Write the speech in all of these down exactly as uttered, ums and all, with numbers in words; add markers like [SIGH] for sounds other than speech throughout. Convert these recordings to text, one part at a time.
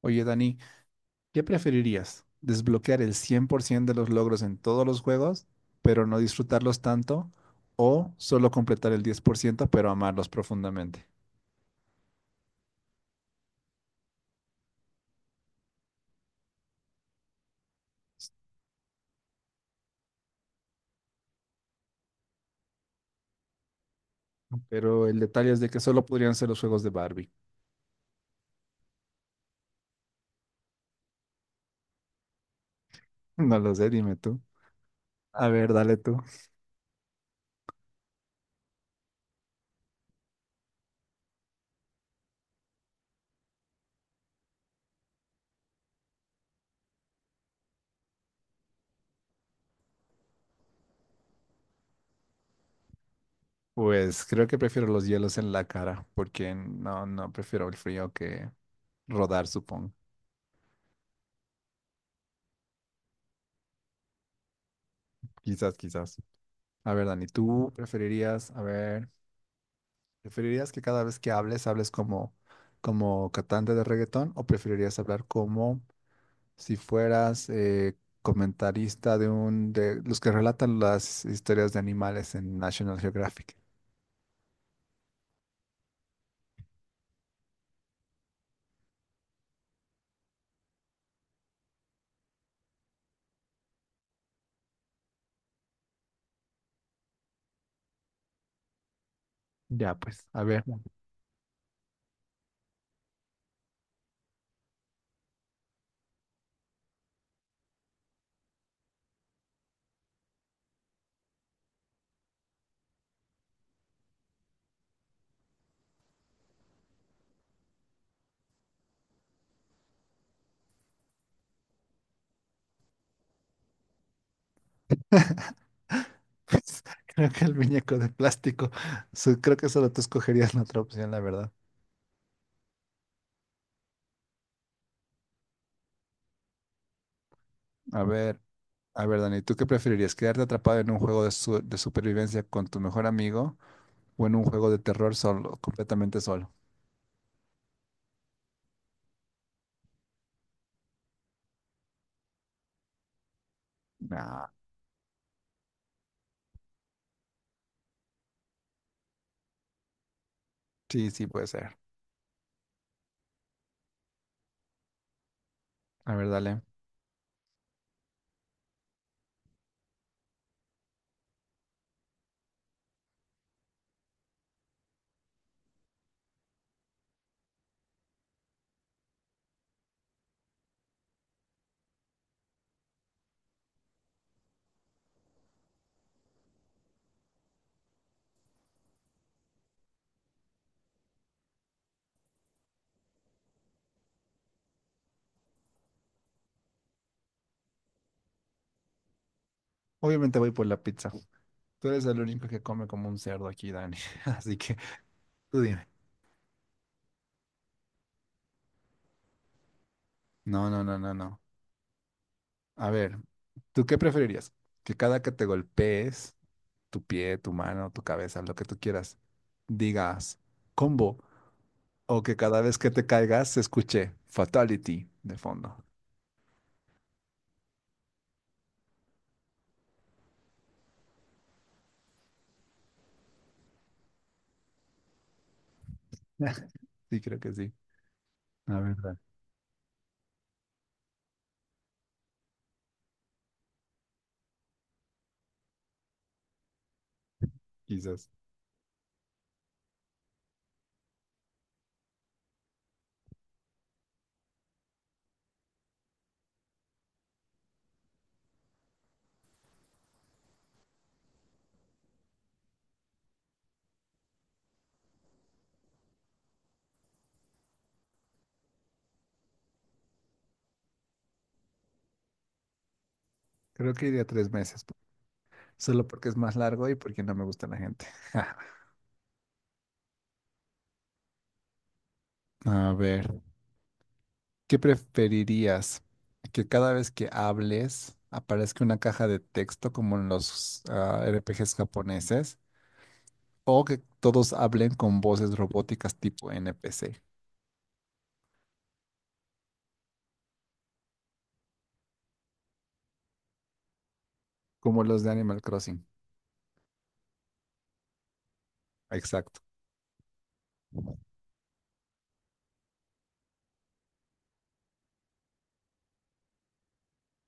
Oye, Dani, ¿qué preferirías? ¿Desbloquear el cien por ciento de los logros en todos los juegos, pero no disfrutarlos tanto? ¿O solo completar el diez por ciento pero amarlos profundamente? Pero el detalle es de que solo podrían ser los juegos de Barbie. [LAUGHS] No lo sé, dime tú. A ver, dale tú. Pues creo que prefiero los hielos en la cara, porque no, no prefiero el frío que rodar, supongo. Quizás, quizás. A ver, Dani, ¿tú preferirías? A ver, ¿preferirías que cada vez que hables, hables como, como cantante de reggaetón o preferirías hablar como si fueras eh, comentarista de un de los que relatan las historias de animales en National Geographic? Ya, pues, a ver. [LAUGHS] Pues creo que el muñeco de plástico, su- creo que solo tú escogerías la otra opción, la verdad. A ver, a ver, Dani, ¿tú qué preferirías? ¿Quedarte atrapado en un juego de, su- de supervivencia con tu mejor amigo o en un juego de terror solo, completamente solo? Nah, sí, sí puede ser. A ver, dale. Obviamente voy por la pizza. Tú eres el único que come como un cerdo aquí, Dani. [LAUGHS] Así que tú dime. No, no, no, no, no. A ver, ¿tú qué preferirías? Que cada que te golpees, tu pie, tu mano, tu cabeza, lo que tú quieras, digas combo. O que cada vez que te caigas se escuche fatality de fondo. [LAUGHS] Sí, creo que sí. La verdad, quizás. Creo que iría tres meses. Solo porque es más largo y porque no me gusta la gente. [LAUGHS] A ver. ¿Qué preferirías? ¿Que cada vez que hables aparezca una caja de texto como en los ah, R P Gs japoneses? ¿O que todos hablen con voces robóticas tipo N P C, como los de Animal Crossing? Exacto.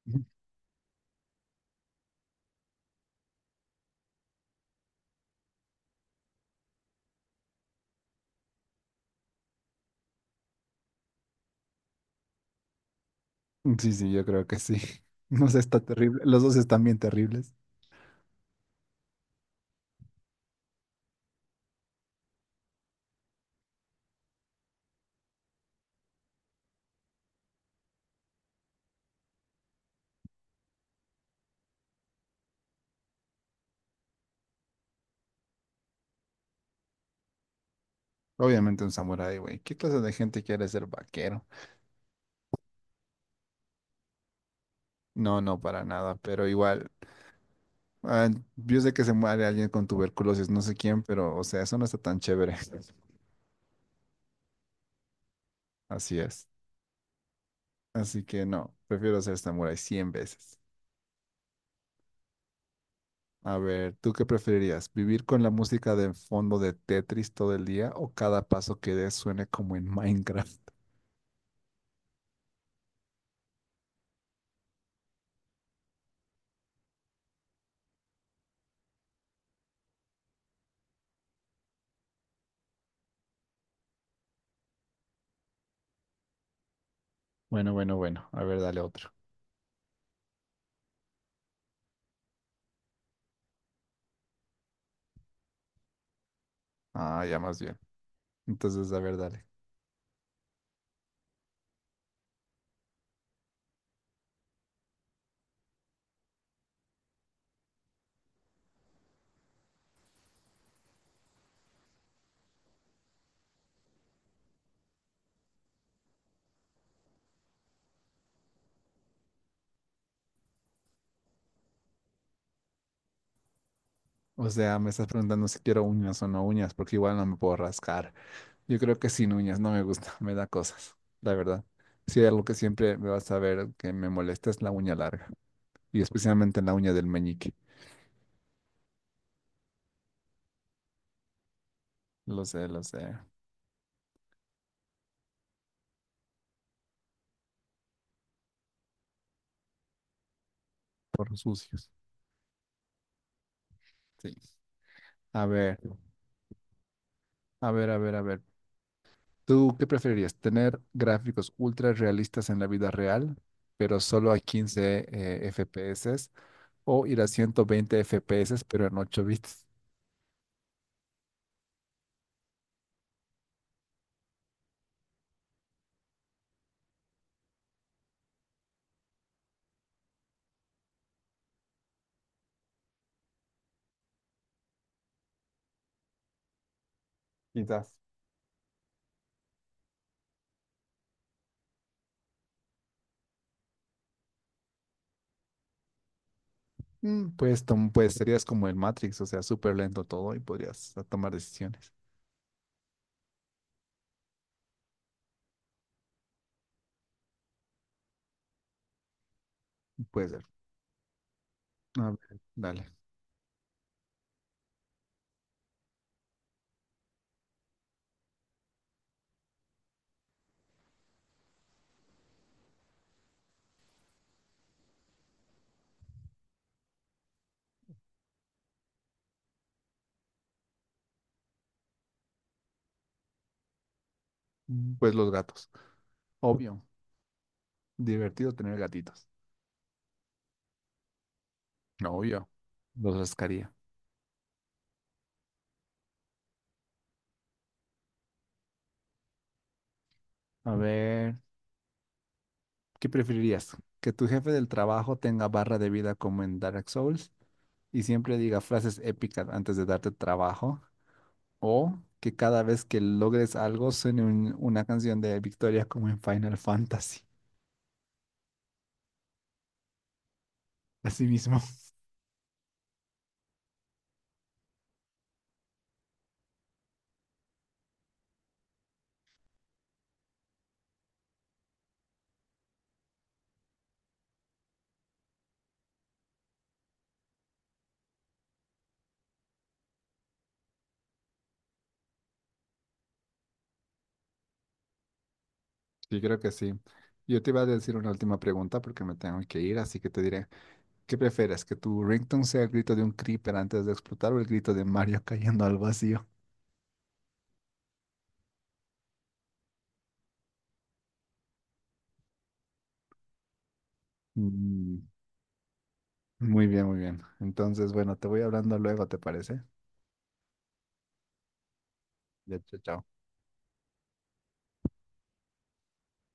[LAUGHS] Sí, sí, yo creo que sí. [LAUGHS] No sé, está terrible. Los dos están bien terribles. Obviamente un samurái, güey. ¿Qué clase de gente quiere ser vaquero? No, no, para nada, pero igual. Ah, yo sé que se muere alguien con tuberculosis, no sé quién, pero, o sea, eso no está tan chévere. [LAUGHS] Así es. Así que no, prefiero ser samurái cien veces. A ver, ¿tú qué preferirías? ¿Vivir con la música de fondo de Tetris todo el día o cada paso que des suene como en Minecraft? [LAUGHS] Bueno, bueno, bueno. A ver, dale otro. Ah, ya más bien. Entonces, a ver, dale. O sea, me estás preguntando si quiero uñas o no uñas, porque igual no me puedo rascar. Yo creo que sin uñas no me gusta. [LAUGHS] Me da cosas, la verdad. Si hay algo que siempre me vas a ver que me molesta es la uña larga, y especialmente la uña del meñique. Lo sé, lo sé, por sucios. Sí. A ver, a ver, a ver, a ver. ¿Tú qué preferirías? ¿Tener gráficos ultra realistas en la vida real, pero solo a quince eh, F P S? ¿O ir a ciento veinte F P S, pero en ocho bits? Quizás. Mm, pues, tom- pues serías como el Matrix, o sea, súper lento todo y podrías ah, tomar decisiones. Puede ser. A ver, dale. Mm, pues los gatos. Obvio. Divertido tener gatitos. Obvio. Los rascaría. A ver. ¿Qué preferirías? ¿Que tu jefe del trabajo tenga barra de vida como en Dark Souls y siempre diga frases épicas antes de darte trabajo? ¿O que cada vez que logres algo suene un- una canción de victoria como en Final Fantasy? Así mismo. Sí, creo que sí. Yo te iba a decir una última pregunta porque me tengo que ir, así que te diré, ¿qué prefieres? ¿Que tu ringtone sea el grito de un creeper antes de explotar o el grito de Mario [LAUGHS] cayendo al vacío? Mm, muy bien, muy bien. Entonces, bueno, te voy hablando luego, ¿te parece? Ya, chao. Chao.